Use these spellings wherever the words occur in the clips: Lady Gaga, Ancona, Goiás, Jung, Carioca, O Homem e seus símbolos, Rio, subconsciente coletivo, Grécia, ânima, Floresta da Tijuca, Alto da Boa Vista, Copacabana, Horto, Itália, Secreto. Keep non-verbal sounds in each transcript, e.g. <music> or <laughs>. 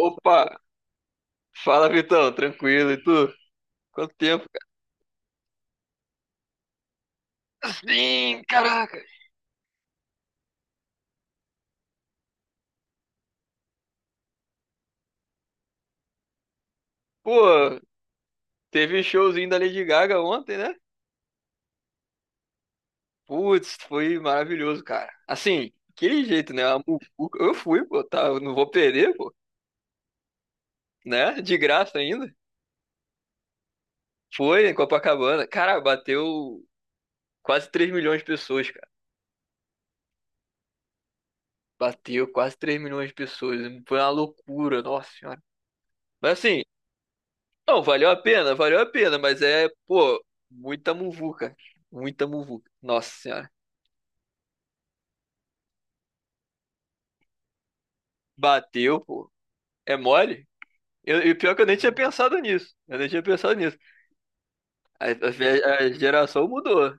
Opa! Fala, Vitão, tranquilo, e tu? Quanto tempo? Cara? Sim, caraca! Pô, teve showzinho da Lady Gaga ontem, né? Putz, foi maravilhoso, cara. Assim, aquele jeito, né? Eu fui, pô, tá? Eu não vou perder, pô, né? De graça ainda. Foi em Copacabana. Cara, bateu quase 3 milhões de pessoas, cara. Bateu quase 3 milhões de pessoas. Foi uma loucura, nossa senhora. Mas assim, não, valeu a pena, mas é, pô, muita muvuca. Muita muvuca. Nossa senhora. Bateu, pô. É mole? E pior que eu nem tinha pensado nisso. Eu nem tinha pensado nisso. A geração mudou.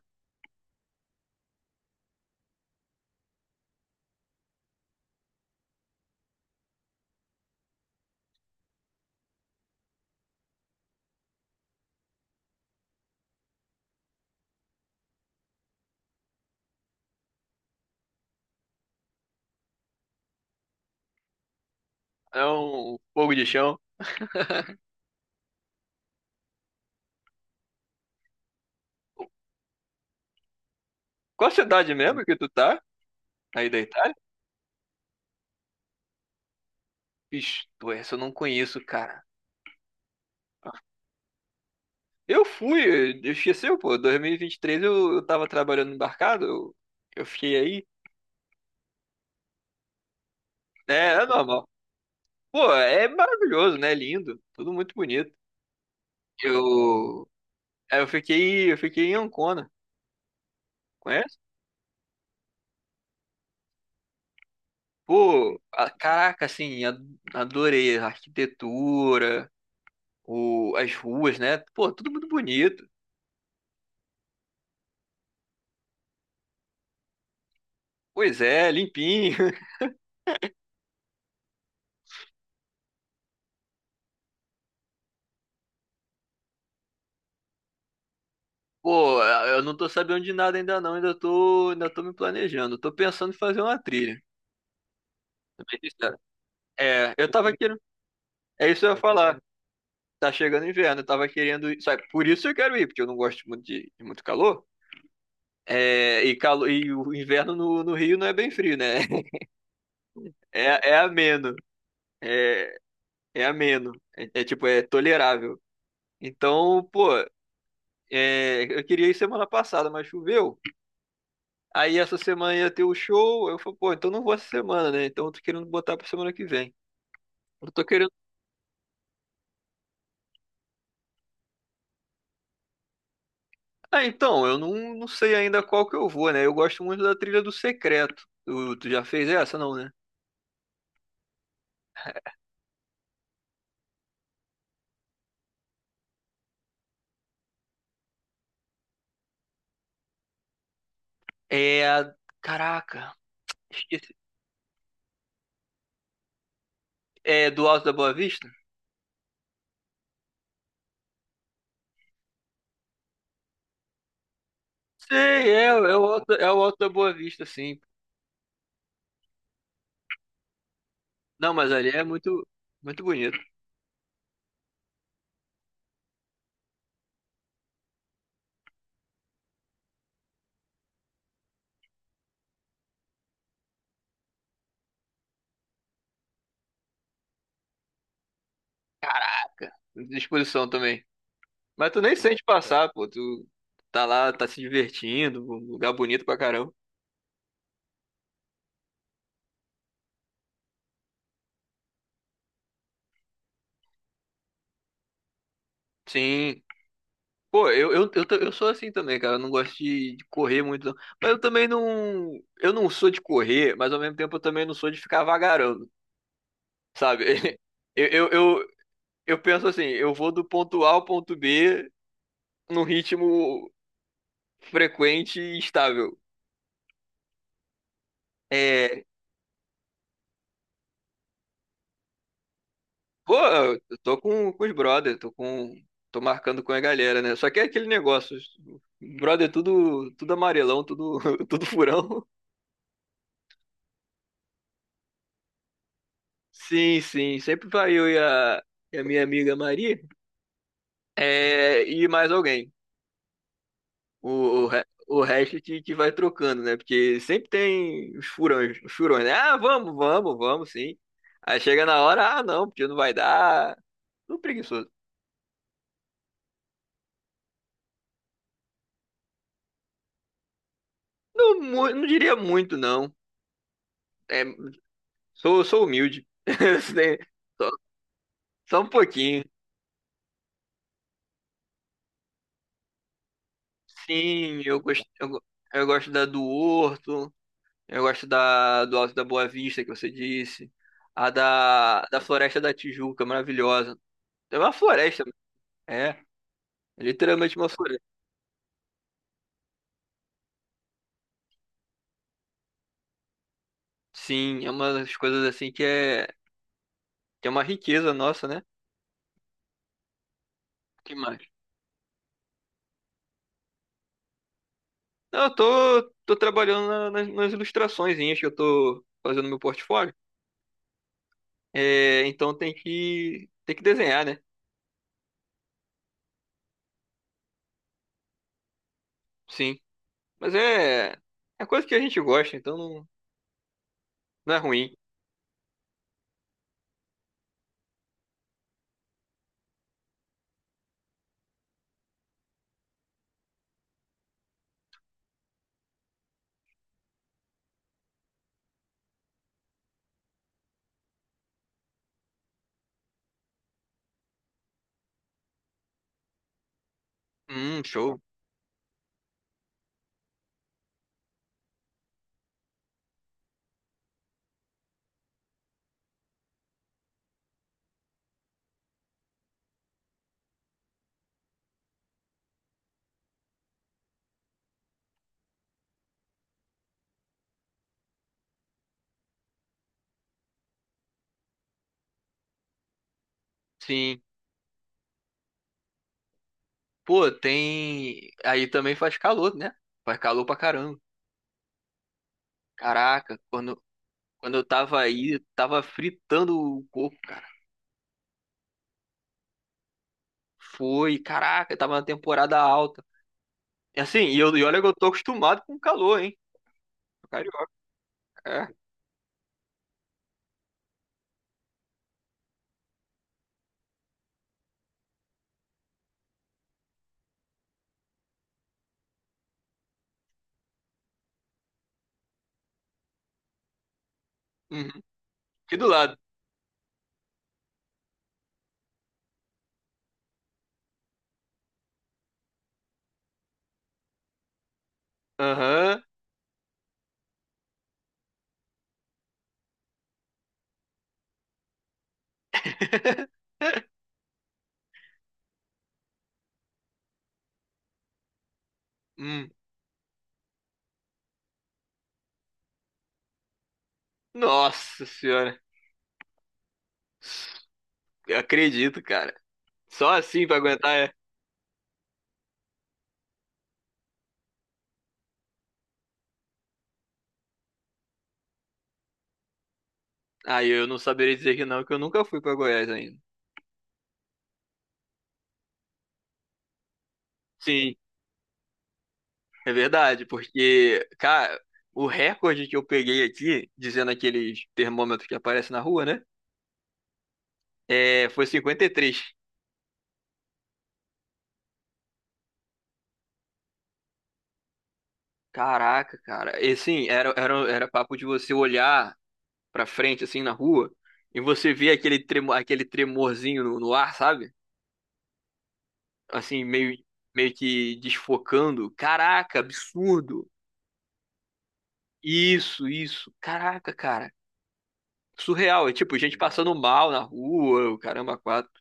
É um fogo de chão. <laughs> Qual cidade mesmo que tu tá? Aí da Itália? Ixi, pô, essa eu não conheço, cara. Eu fui, eu esqueceu, pô. 2023 eu tava trabalhando no embarcado, eu fiquei aí. É, é normal. Pô, é maravilhoso, né? Lindo. Tudo muito bonito. Eu, eu fiquei em Ancona, conhece? Pô, caraca, assim, adorei a arquitetura, as ruas, né? Pô, tudo muito bonito. Pois é, limpinho. <laughs> Pô, eu não tô sabendo de nada ainda não, ainda tô me planejando. Tô pensando em fazer uma trilha. Pra ser bem sincero. É, eu tava querendo, é isso que eu ia falar. Tá chegando inverno, eu tava querendo ir, sabe? Por isso eu quero ir, porque eu não gosto muito de muito calor. É, e, e o inverno no Rio não é bem frio, né? É ameno. É, é ameno. É, é tipo, é tolerável. Então, pô, é, eu queria ir semana passada, mas choveu. Aí essa semana ia ter o show. Eu falei, pô, então não vou essa semana, né? Então eu tô querendo botar pra semana que vem. Eu tô querendo. Ah, então, eu não sei ainda qual que eu vou, né? Eu gosto muito da trilha do Secreto. Tu já fez essa, não, né? É a. Caraca, esqueci. É do Alto da Boa Vista? Sei, é o Alto da Boa Vista, sim. Não, mas ali é muito, muito bonito. Disposição também. Mas tu nem sente passar, pô. Tu tá lá, tá se divertindo, um lugar bonito pra caramba. Sim. Pô, eu sou assim também, cara. Eu não gosto de correr muito, não. Mas eu também não. Eu não sou de correr, mas ao mesmo tempo eu também não sou de ficar vagarando, sabe? <laughs> Eu, eu, eu, eu penso assim, eu vou do ponto A ao ponto B num ritmo frequente e estável. É. Pô, eu tô com os brothers, tô marcando com a galera, né? Só que é aquele negócio, brother, tudo, tudo amarelão, tudo, <laughs> tudo furão. Sim, sim, sempre vai eu e a minha amiga Maria, é, e mais alguém. O resto que vai trocando, né? Porque sempre tem os furões, né? Ah, vamos, vamos, vamos, sim. Aí chega na hora, ah, não, porque não vai dar. Tudo preguiçoso. Não, não diria muito, não. É, sou humilde. <laughs> Só, só um pouquinho. Sim, eu gosto da do Horto, eu gosto da do Alto da Boa Vista, que você disse. A da Floresta da Tijuca, maravilhosa. É uma floresta, é literalmente uma floresta. Sim, é uma das coisas assim que é, uma riqueza nossa, né? Que mais? Não, eu tô, tô trabalhando nas, nas ilustraçõezinhas que eu tô fazendo no meu portfólio. É, então tem que desenhar, né? Sim. Mas é coisa que a gente gosta, então não é ruim. Show. Sim. Pô, tem. Aí também faz calor, né? Faz calor pra caramba. Caraca, quando eu tava aí, tava fritando o corpo, cara. Foi, caraca, tava na temporada alta. E assim, e olha que eu tô acostumado com calor, hein? Sou Carioca. É. Uhum. Aqui do lado. Aham. <laughs> Hum. Nossa senhora. Eu acredito, cara. Só assim pra aguentar é. Aí eu não saberia dizer que não, que eu nunca fui pra Goiás ainda. Sim, é verdade, porque, cara, o recorde que eu peguei aqui, dizendo aqueles termômetros que aparecem na rua, né? É, foi 53. Caraca, cara. E sim, era papo de você olhar pra frente, assim, na rua, e você ver aquele, aquele tremorzinho no ar, sabe? Assim, meio que desfocando. Caraca, absurdo. Isso, isso. Caraca, cara. Surreal. É tipo, gente passando mal na rua, o caramba, quatro.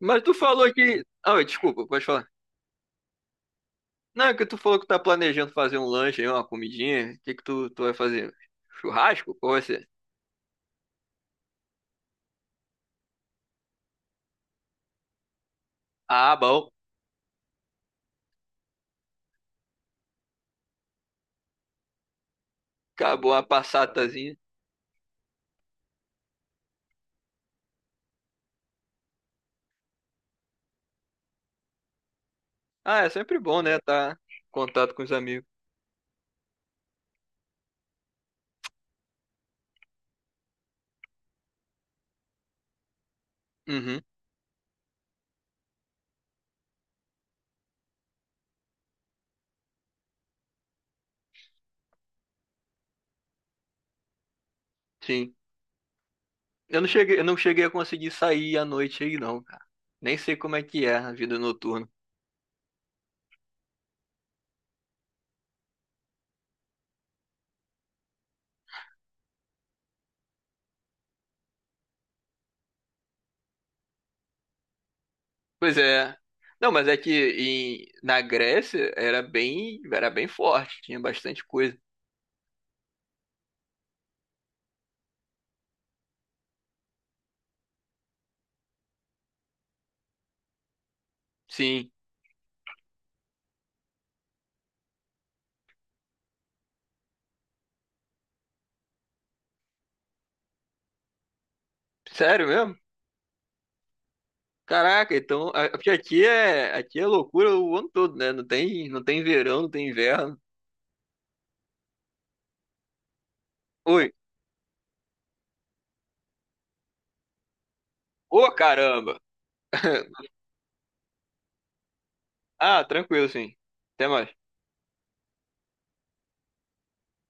Mas tu falou que. Ah, oi, desculpa, pode falar. Não, é que tu falou que tá planejando fazer um lanche aí, uma comidinha. O que que tu vai fazer? Churrasco? Qual vai ser? Ah, bom. Acabou a passatazinha. Ah, é sempre bom, né? Tá em contato com os amigos. Uhum, sim. Eu não cheguei a conseguir sair à noite aí, não, cara. Nem sei como é que é a vida noturna. Pois é. Não, mas é que na Grécia era bem forte, tinha bastante coisa. Sim, sério mesmo? Caraca, então, porque aqui é loucura o ano todo, né? Não tem, não tem verão, não tem inverno. Oi. Ô, caramba. <laughs> Ah, tranquilo, sim. Até mais.